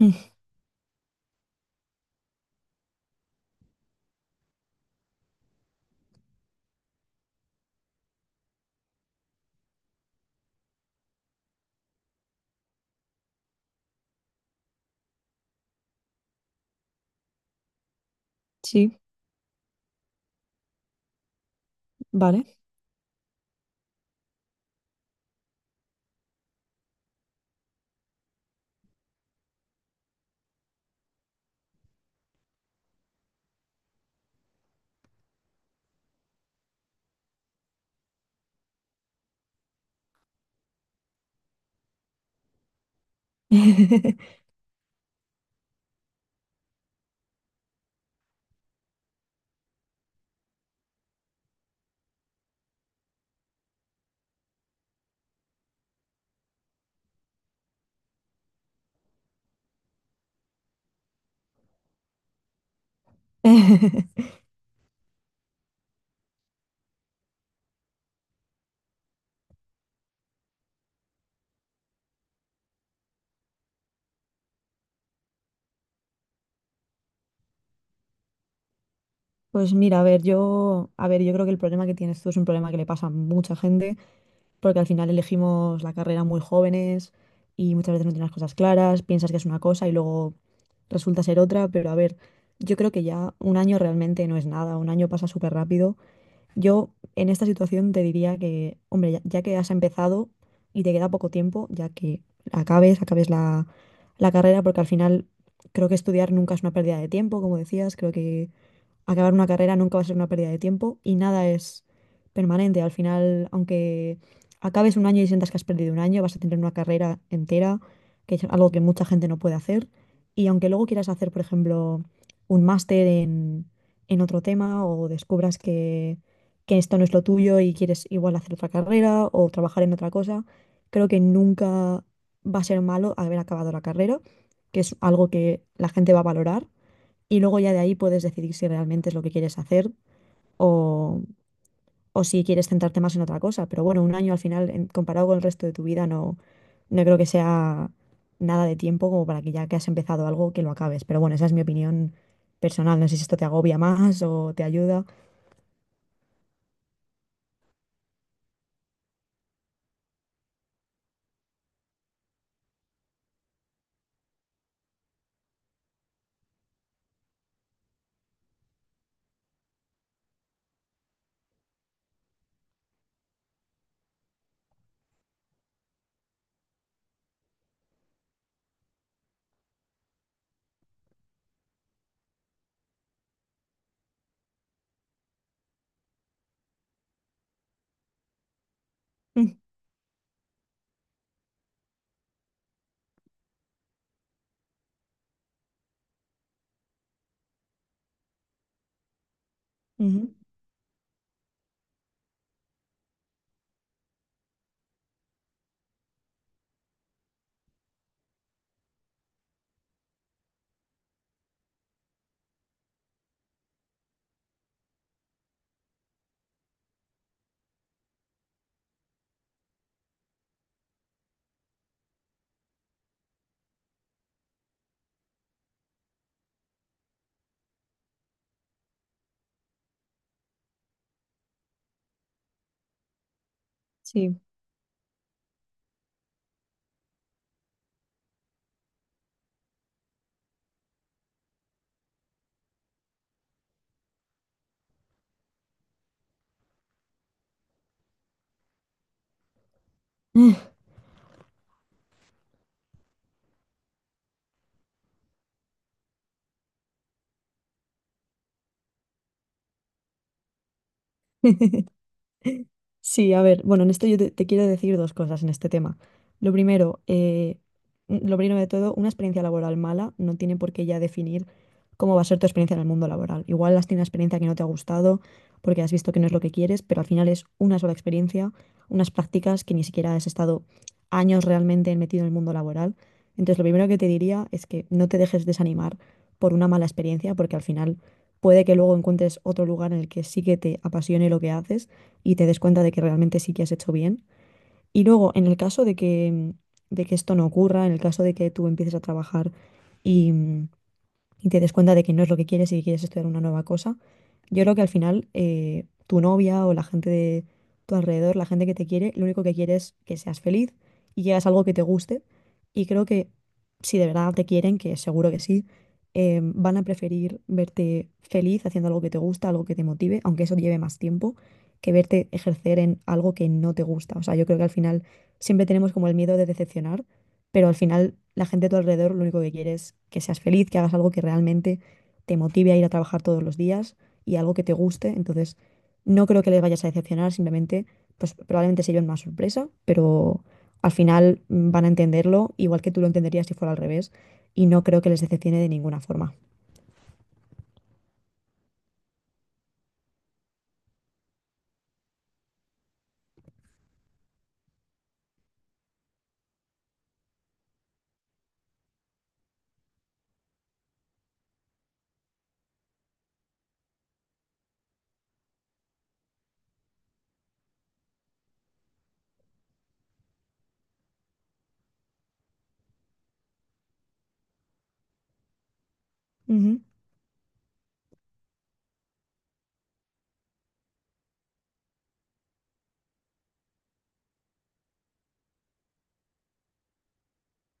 Mm, sí, vale. Pues mira, a ver, yo creo que el problema que tienes tú es un problema que le pasa a mucha gente, porque al final elegimos la carrera muy jóvenes y muchas veces no tienes las cosas claras, piensas que es una cosa y luego resulta ser otra. Pero a ver, yo creo que ya un año realmente no es nada, un año pasa súper rápido. Yo en esta situación te diría que, hombre, ya, ya que has empezado y te queda poco tiempo, ya que acabes, acabes la carrera, porque al final creo que estudiar nunca es una pérdida de tiempo, como decías. Creo que acabar una carrera nunca va a ser una pérdida de tiempo y nada es permanente. Al final, aunque acabes un año y sientas que has perdido un año, vas a tener una carrera entera, que es algo que mucha gente no puede hacer. Y aunque luego quieras hacer, por ejemplo, un máster en otro tema o descubras que esto no es lo tuyo y quieres igual hacer otra carrera o trabajar en otra cosa, creo que nunca va a ser malo haber acabado la carrera, que es algo que la gente va a valorar, y luego ya de ahí puedes decidir si realmente es lo que quieres hacer o, o si quieres centrarte más en otra cosa. Pero bueno, un año al final, comparado con el resto de tu vida, no, no creo que sea nada de tiempo como para que ya que has empezado algo, que lo acabes. Pero bueno, esa es mi opinión personal. No sé si esto te agobia más o te ayuda. Mm, ujú, sí. Sí, a ver, bueno, en esto yo te, te quiero decir dos cosas en este tema. Lo primero, lo primero de todo, una experiencia laboral mala no tiene por qué ya definir cómo va a ser tu experiencia en el mundo laboral. Igual has tenido una experiencia que no te ha gustado porque has visto que no es lo que quieres, pero al final es una sola experiencia, unas prácticas que ni siquiera has estado años realmente metido en el mundo laboral. Entonces, lo primero que te diría es que no te dejes desanimar por una mala experiencia, porque al final puede que luego encuentres otro lugar en el que sí que te apasione lo que haces y te des cuenta de que realmente sí que has hecho bien. Y luego, en el caso de que esto no ocurra, en el caso de que tú empieces a trabajar y, y te des cuenta de que no es lo que quieres y que quieres estudiar una nueva cosa, yo creo que al final tu novia o la gente de tu alrededor, la gente que te quiere, lo único que quiere es que seas feliz y que hagas algo que te guste. Y creo que si de verdad te quieren, que seguro que sí, van a preferir verte feliz haciendo algo que te gusta, algo que te motive, aunque eso lleve más tiempo, que verte ejercer en algo que no te gusta. O sea, yo creo que al final siempre tenemos como el miedo de decepcionar, pero al final la gente a tu alrededor lo único que quiere es que seas feliz, que hagas algo que realmente te motive a ir a trabajar todos los días y algo que te guste. Entonces, no creo que les vayas a decepcionar, simplemente pues probablemente se lleven más sorpresa, pero al final van a entenderlo igual que tú lo entenderías si fuera al revés, y no creo que les decepcione de ninguna forma. Ujú,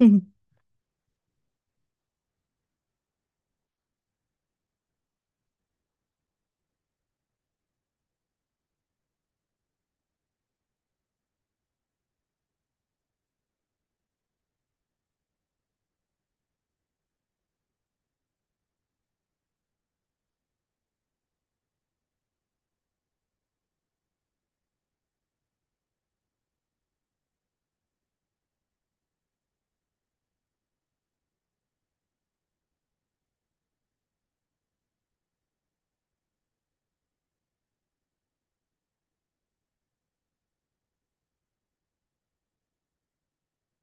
ujú,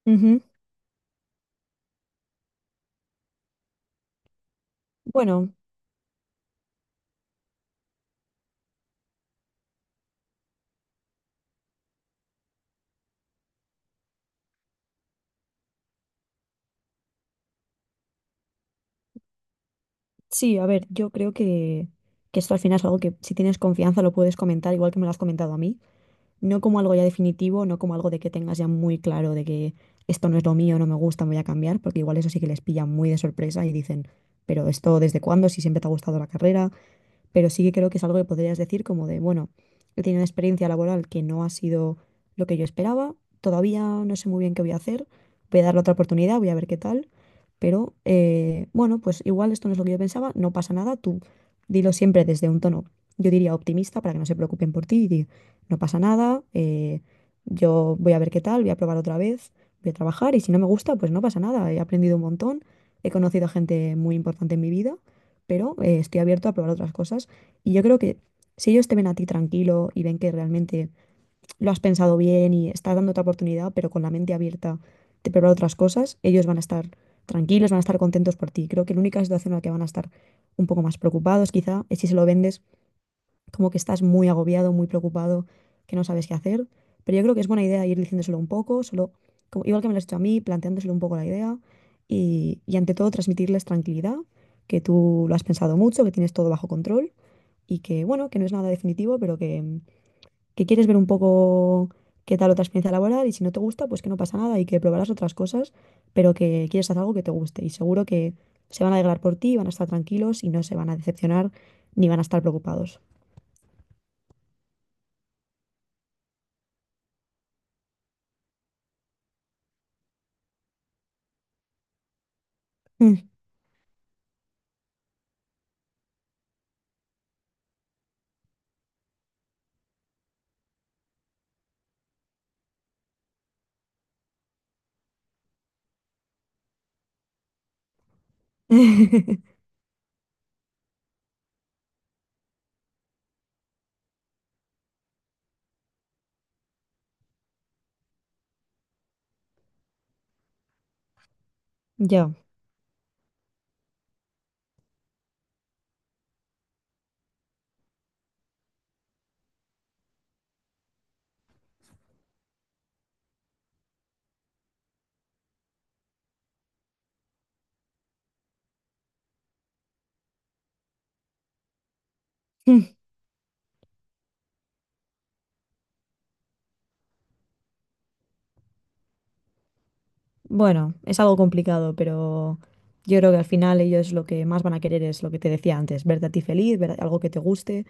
ujú. Bueno, sí, a ver, yo creo que esto al final es algo que si tienes confianza lo puedes comentar, igual que me lo has comentado a mí. No como algo ya definitivo, no como algo de que tengas ya muy claro de que esto no es lo mío, no me gusta, me voy a cambiar, porque igual eso sí que les pilla muy de sorpresa y dicen, pero esto desde cuándo, si siempre te ha gustado la carrera. Pero sí que creo que es algo que podrías decir como de, bueno, he tenido una experiencia laboral que no ha sido lo que yo esperaba, todavía no sé muy bien qué voy a hacer, voy a darle otra oportunidad, voy a ver qué tal, pero bueno, pues igual esto no es lo que yo pensaba, no pasa nada, tú dilo siempre desde un tono, yo diría optimista, para que no se preocupen por ti, y di, no pasa nada, yo voy a ver qué tal, voy a probar otra vez, voy a trabajar y si no me gusta, pues no pasa nada, he aprendido un montón, he conocido a gente muy importante en mi vida, pero estoy abierto a probar otras cosas. Y yo creo que si ellos te ven a ti tranquilo y ven que realmente lo has pensado bien y estás dando otra oportunidad, pero con la mente abierta de probar otras cosas, ellos van a estar tranquilos, van a estar contentos por ti. Creo que la única situación en la que van a estar un poco más preocupados quizá es si se lo vendes como que estás muy agobiado, muy preocupado, que no sabes qué hacer. Pero yo creo que es buena idea ir diciéndoselo un poco, solo, igual que me lo has hecho a mí, planteándoselo un poco la idea y ante todo transmitirles tranquilidad, que tú lo has pensado mucho, que tienes todo bajo control y que, bueno, que no es nada definitivo, pero que quieres ver un poco qué tal otra experiencia laboral y si no te gusta, pues que no pasa nada y que probarás otras cosas, pero que quieres hacer algo que te guste, y seguro que se van a alegrar por ti, van a estar tranquilos y no se van a decepcionar ni van a estar preocupados. Mm. Ya. Mm. Bueno, es algo complicado, pero yo creo que al final ellos lo que más van a querer es lo que te decía antes, verte a ti feliz, ver algo que te guste.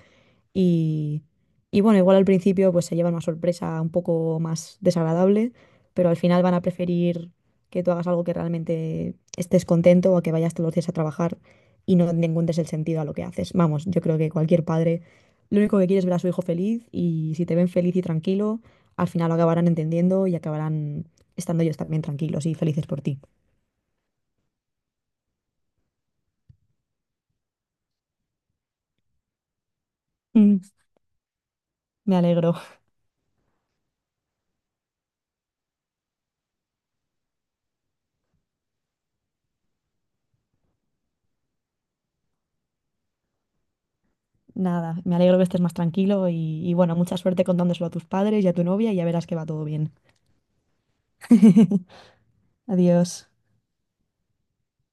Y, y bueno, igual al principio pues se llevan una sorpresa un poco más desagradable, pero al final van a preferir que tú hagas algo que realmente estés contento o que vayas todos los días a trabajar y no le encuentres el sentido a lo que haces. Vamos, yo creo que cualquier padre lo único que quiere es ver a su hijo feliz, y si te ven feliz y tranquilo, al final lo acabarán entendiendo y acabarán estando ellos también tranquilos y felices por ti. Mm, me alegro. Nada, me alegro que estés más tranquilo y bueno, mucha suerte contándoselo a tus padres y a tu novia y ya verás que va todo bien. Adiós.